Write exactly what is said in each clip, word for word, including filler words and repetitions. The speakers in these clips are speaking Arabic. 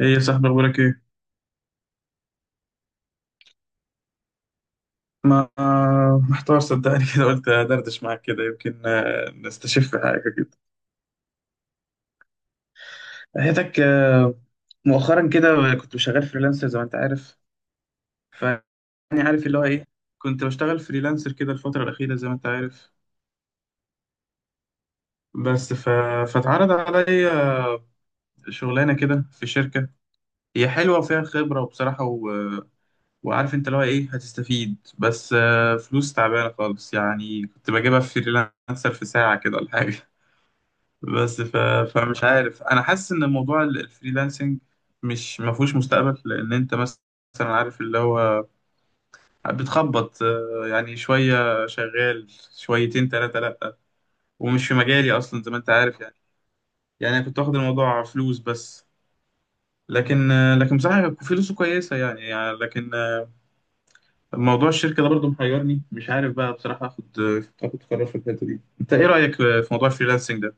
ايه يا صاحبي، اخبارك ايه؟ ما، محتار صدقني كده، قلت ادردش معاك كده يمكن آه، نستشف حاجه كده. حياتك آه، مؤخرا كده، كنت شغال فريلانسر زي ما انت عارف. ف يعني عارف اللي هو ايه، كنت بشتغل فريلانسر كده الفتره الاخيره زي ما انت عارف. بس ف... فاتعرض عليا شغلانه كده في شركه، هي حلوه وفيها خبره وبصراحه و... وعارف انت اللي هو ايه هتستفيد، بس آه، فلوس تعبانه خالص، يعني كنت بجيبها في فريلانسر في ساعه كده ولا حاجه. بس ف... فمش عارف، انا حاسس ان موضوع ال- الفريلانسنج مش ما فيهوش مستقبل، لان انت مثلا عارف اللي هو بتخبط، آه، يعني شويه شغال شويتين ثلاثه لا. ومش في مجالي اصلا زي ما انت عارف يعني، يعني انا كنت واخد الموضوع فلوس بس. لكن آه، لكن بصراحه فلوسه كويسه يعني, يعني لكن آه، موضوع الشركه ده برضه محيرني، مش عارف بقى بصراحه اخد آه، اخد قرار في الحته دي. انت ايه رايك في موضوع الفريلانسنج ده؟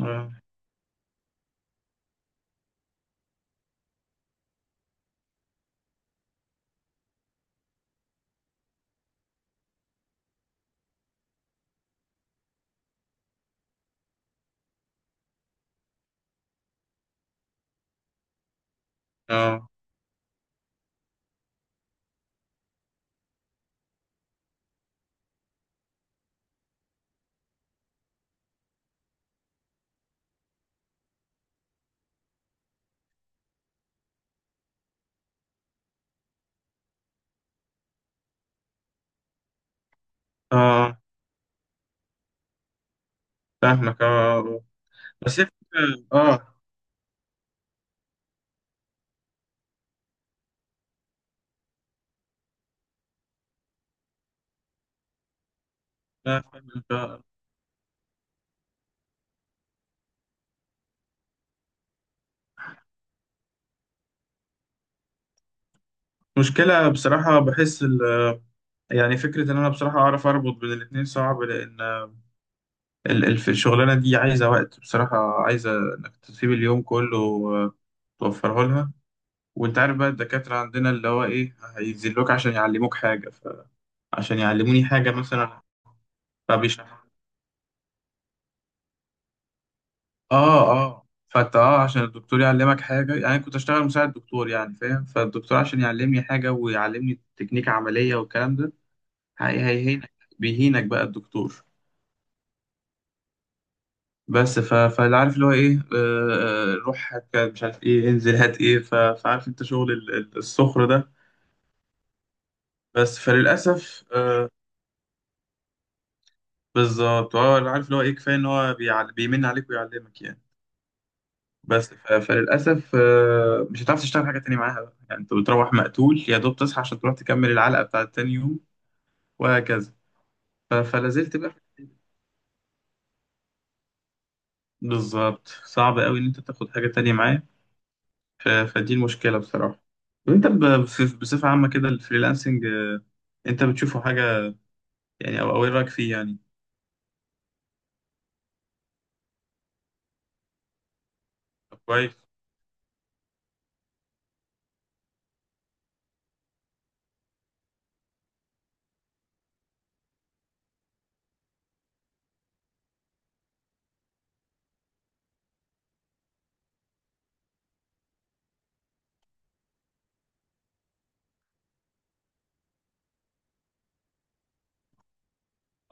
اه. اه. آه، فاهمك اه. بس هي فكرة- اه. لا، فاهمك. مشكلة بصراحة، بحس ال يعني فكرة إن أنا بصراحة أعرف أربط بين الاتنين صعب، لأن ال- ال- في الشغلانة دي عايزة وقت بصراحة، عايزة إنك تسيب اليوم كله آه، توفره لها. وأنت عارف بقى الدكاترة عندنا اللي هو إيه هينزلوك عشان يعلموك حاجة ف... عشان يعلموني حاجة مثلا. فبيشرح آه آه فأنت آه عشان الدكتور يعلمك حاجة، يعني كنت أشتغل مساعد دكتور يعني فاهم، فالدكتور عشان يعلمني حاجة ويعلمني تكنيك عملية والكلام ده. هي هيهينك بيهينك بقى الدكتور. بس ف... فاللي عارف اللي هو ايه آه... آه، روح هات كده، مش عارف ايه، انزل هات ايه ف... فعارف انت شغل ال- ال- السخر ده. بس فللأسف آه... بالظبط اه، اللي عارف اللي هو ايه كفاية ان هو بيعل... بيمن عليك ويعلمك يعني. بس ف... فللأسف آه... مش هتعرف تشتغل حاجة تانية معاها بقى، يعني انت بتروح مقتول، يا دوب تصحى عشان تروح تكمل العلقة بتاعت تاني يوم وهكذا. ف... فلازلت بقى بالظبط، صعب قوي ان انت تاخد حاجة تانية معاك. ف- فدي المشكلة بصراحة. وانت ب- بصف- بصفة عامة كده، الفريلانسنج آه، انت بتشوفه حاجة يعني، او او ايه رأيك فيه يعني؟ طب كويس.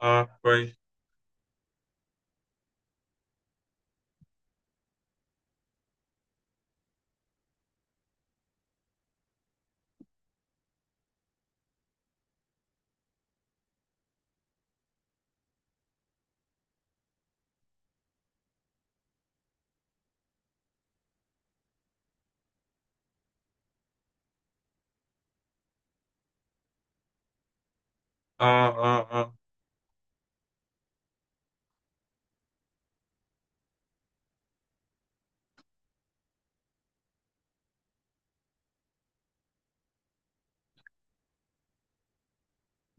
اه كويس. اه، اه، اه.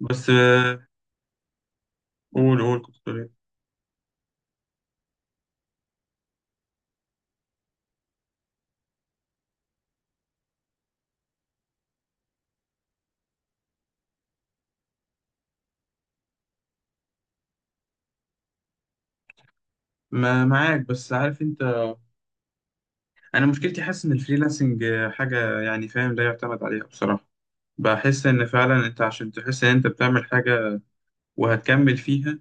بس آه، قول قول كنت بتقول ايه؟ ما معاك، بس عارف انت، انا مشكلتي حاسس ان الفريلانسنج آه، حاجة يعني فاهم لا يعتمد عليها بصراحة. بحس ان فعلا انت عشان تحس ان انت بتعمل حاجة وهتكمل فيها،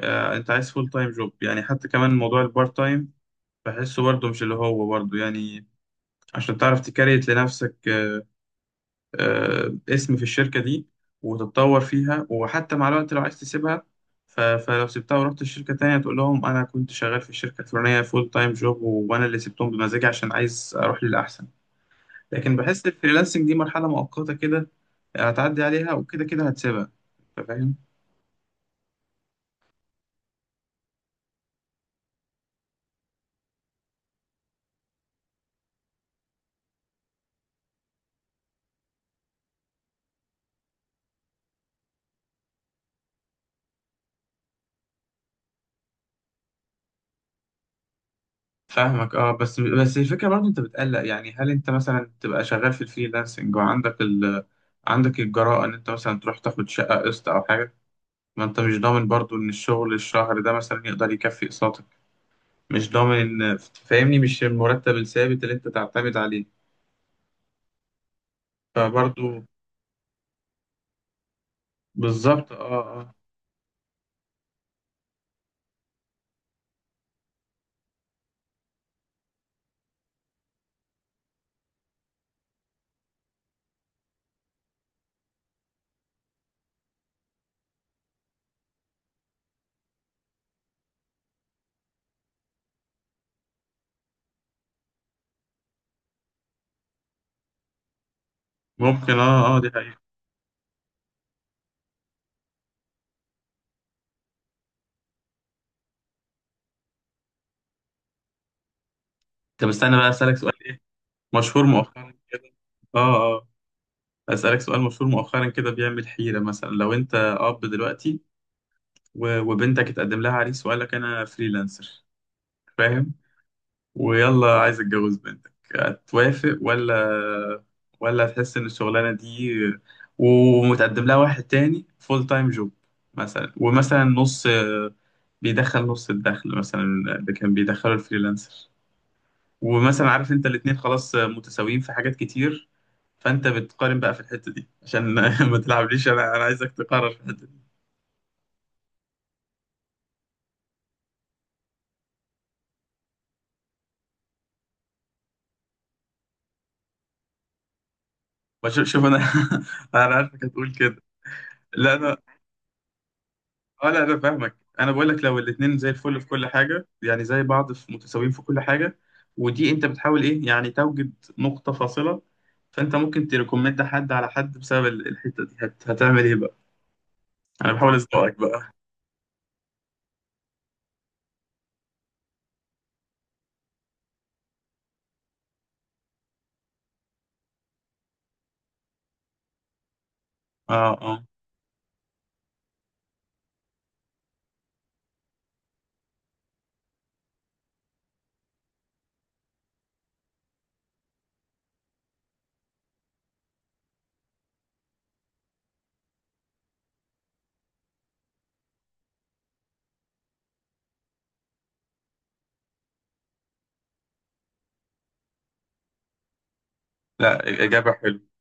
آه، انت عايز فول تايم جوب، يعني حتى كمان موضوع البارت تايم بحسه برضه مش اللي هو برضه يعني. عشان تعرف تكريت لنفسك آه، آه، اسم في الشركة دي وتتطور فيها، وحتى مع الوقت لو عايز تسيبها ف- فلو سبتها ورحت الشركة تانية تقول لهم أنا كنت شغال في الشركة الفلانية فول تايم جوب وأنا اللي سبتهم بمزاجي عشان عايز أروح للأحسن. لكن بحس الفريلانسنج دي مرحلة مؤقتة كده، هتعدي عليها وكده كده هتسيبها. أنت فاهم؟ فاهمك اه، بس بس الفكرة برضه أنت بتقلق يعني، هل أنت مثلا تبقى شغال في الفريلانسنج وعندك ال عندك الجراءة إن أنت مثلا تروح تاخد شقة قسط أو حاجة؟ ما انت مش ضامن برضو ان الشغل الشهر ده مثلا يقدر يكفي اقساطك، مش ضامن ان، فاهمني، مش المرتب الثابت اللي انت تعتمد عليه فبرضو. بالظبط اه اه. ممكن اه اه، دي حقيقة. طب استنى بقى، اسألك سؤال ايه مشهور مؤخرا كده. اه اه. اسألك سؤال مشهور مؤخرا كده بيعمل حيرة. مثلا لو انت اب دلوقتي و- وبنتك اتقدم لها عريس وقال لك انا فريلانسر فاهم، ويلا عايز اتجوز بنتك، هتوافق ولا؟ ولا هتحس ان الشغلانه دي ومتقدم لها واحد تاني فول تايم جوب مثلا، ومثلا نص، بيدخل نص الدخل مثلا اللي كان بيدخله الفريلانسر، ومثلا عارف انت الاتنين خلاص متساويين في حاجات كتير، فانت بتقارن بقى في الحته دي عشان ما تلعبليش، انا انا عايزك تقرر في الحته دي. بشوف- شوف انا، انا عارفك هتقول كده. لا. اه لا انا فاهمك، انا بقول لك لو الاتنين زي الفل في كل حاجه، يعني زي بعض في متساويين في كل حاجه، ودي انت بتحاول ايه يعني توجد نقطه فاصله، فانت ممكن تريكومند حد على حد بسبب ال- الحته دي هت... هتعمل ايه بقى؟ انا بحاول ازنقك بقى. اه اه. لا الاجابه حلوه.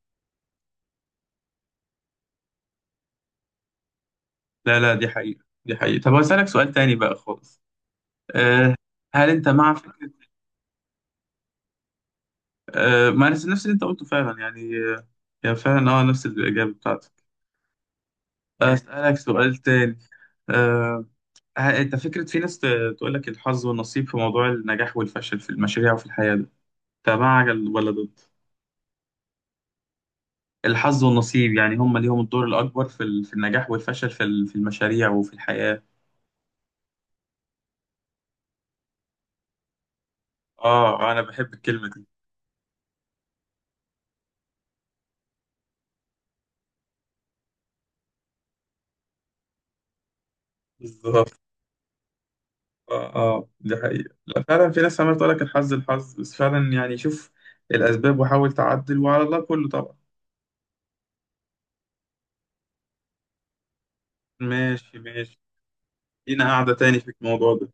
لا لا دي حقيقه، دي حقيقه. طب هسألك سؤال تاني بقى خالص. أه. هل انت مع فكره أه؟ ما نفس نفس اللي انت قلته فعلا، يعني آه، يعني فعلا اه نفس الاجابه بتاعتك. اسالك سؤال تاني. أه ه- انت فكرة في ناس ت- تقول لك الحظ والنصيب في موضوع النجاح والفشل في المشاريع وفي الحياة ده، انت مع ال- ولا ضد؟ الحظ والنصيب يعني هم ليهم الدور الأكبر في ال- في النجاح والفشل في ال- في المشاريع وفي الحياة. اه آه، انا بحب الكلمة دي. بالظبط اه اه، دي حقيقة. لا فعلا في ناس عمالة تقول لك الحظ الحظ، بس فعلا يعني شوف الأسباب وحاول تعدل، وعلى الله كله طبعا. ماشي ماشي، لينا قاعدة تاني في الموضوع ده.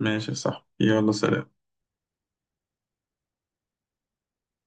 ماشي صح، يلا سلام.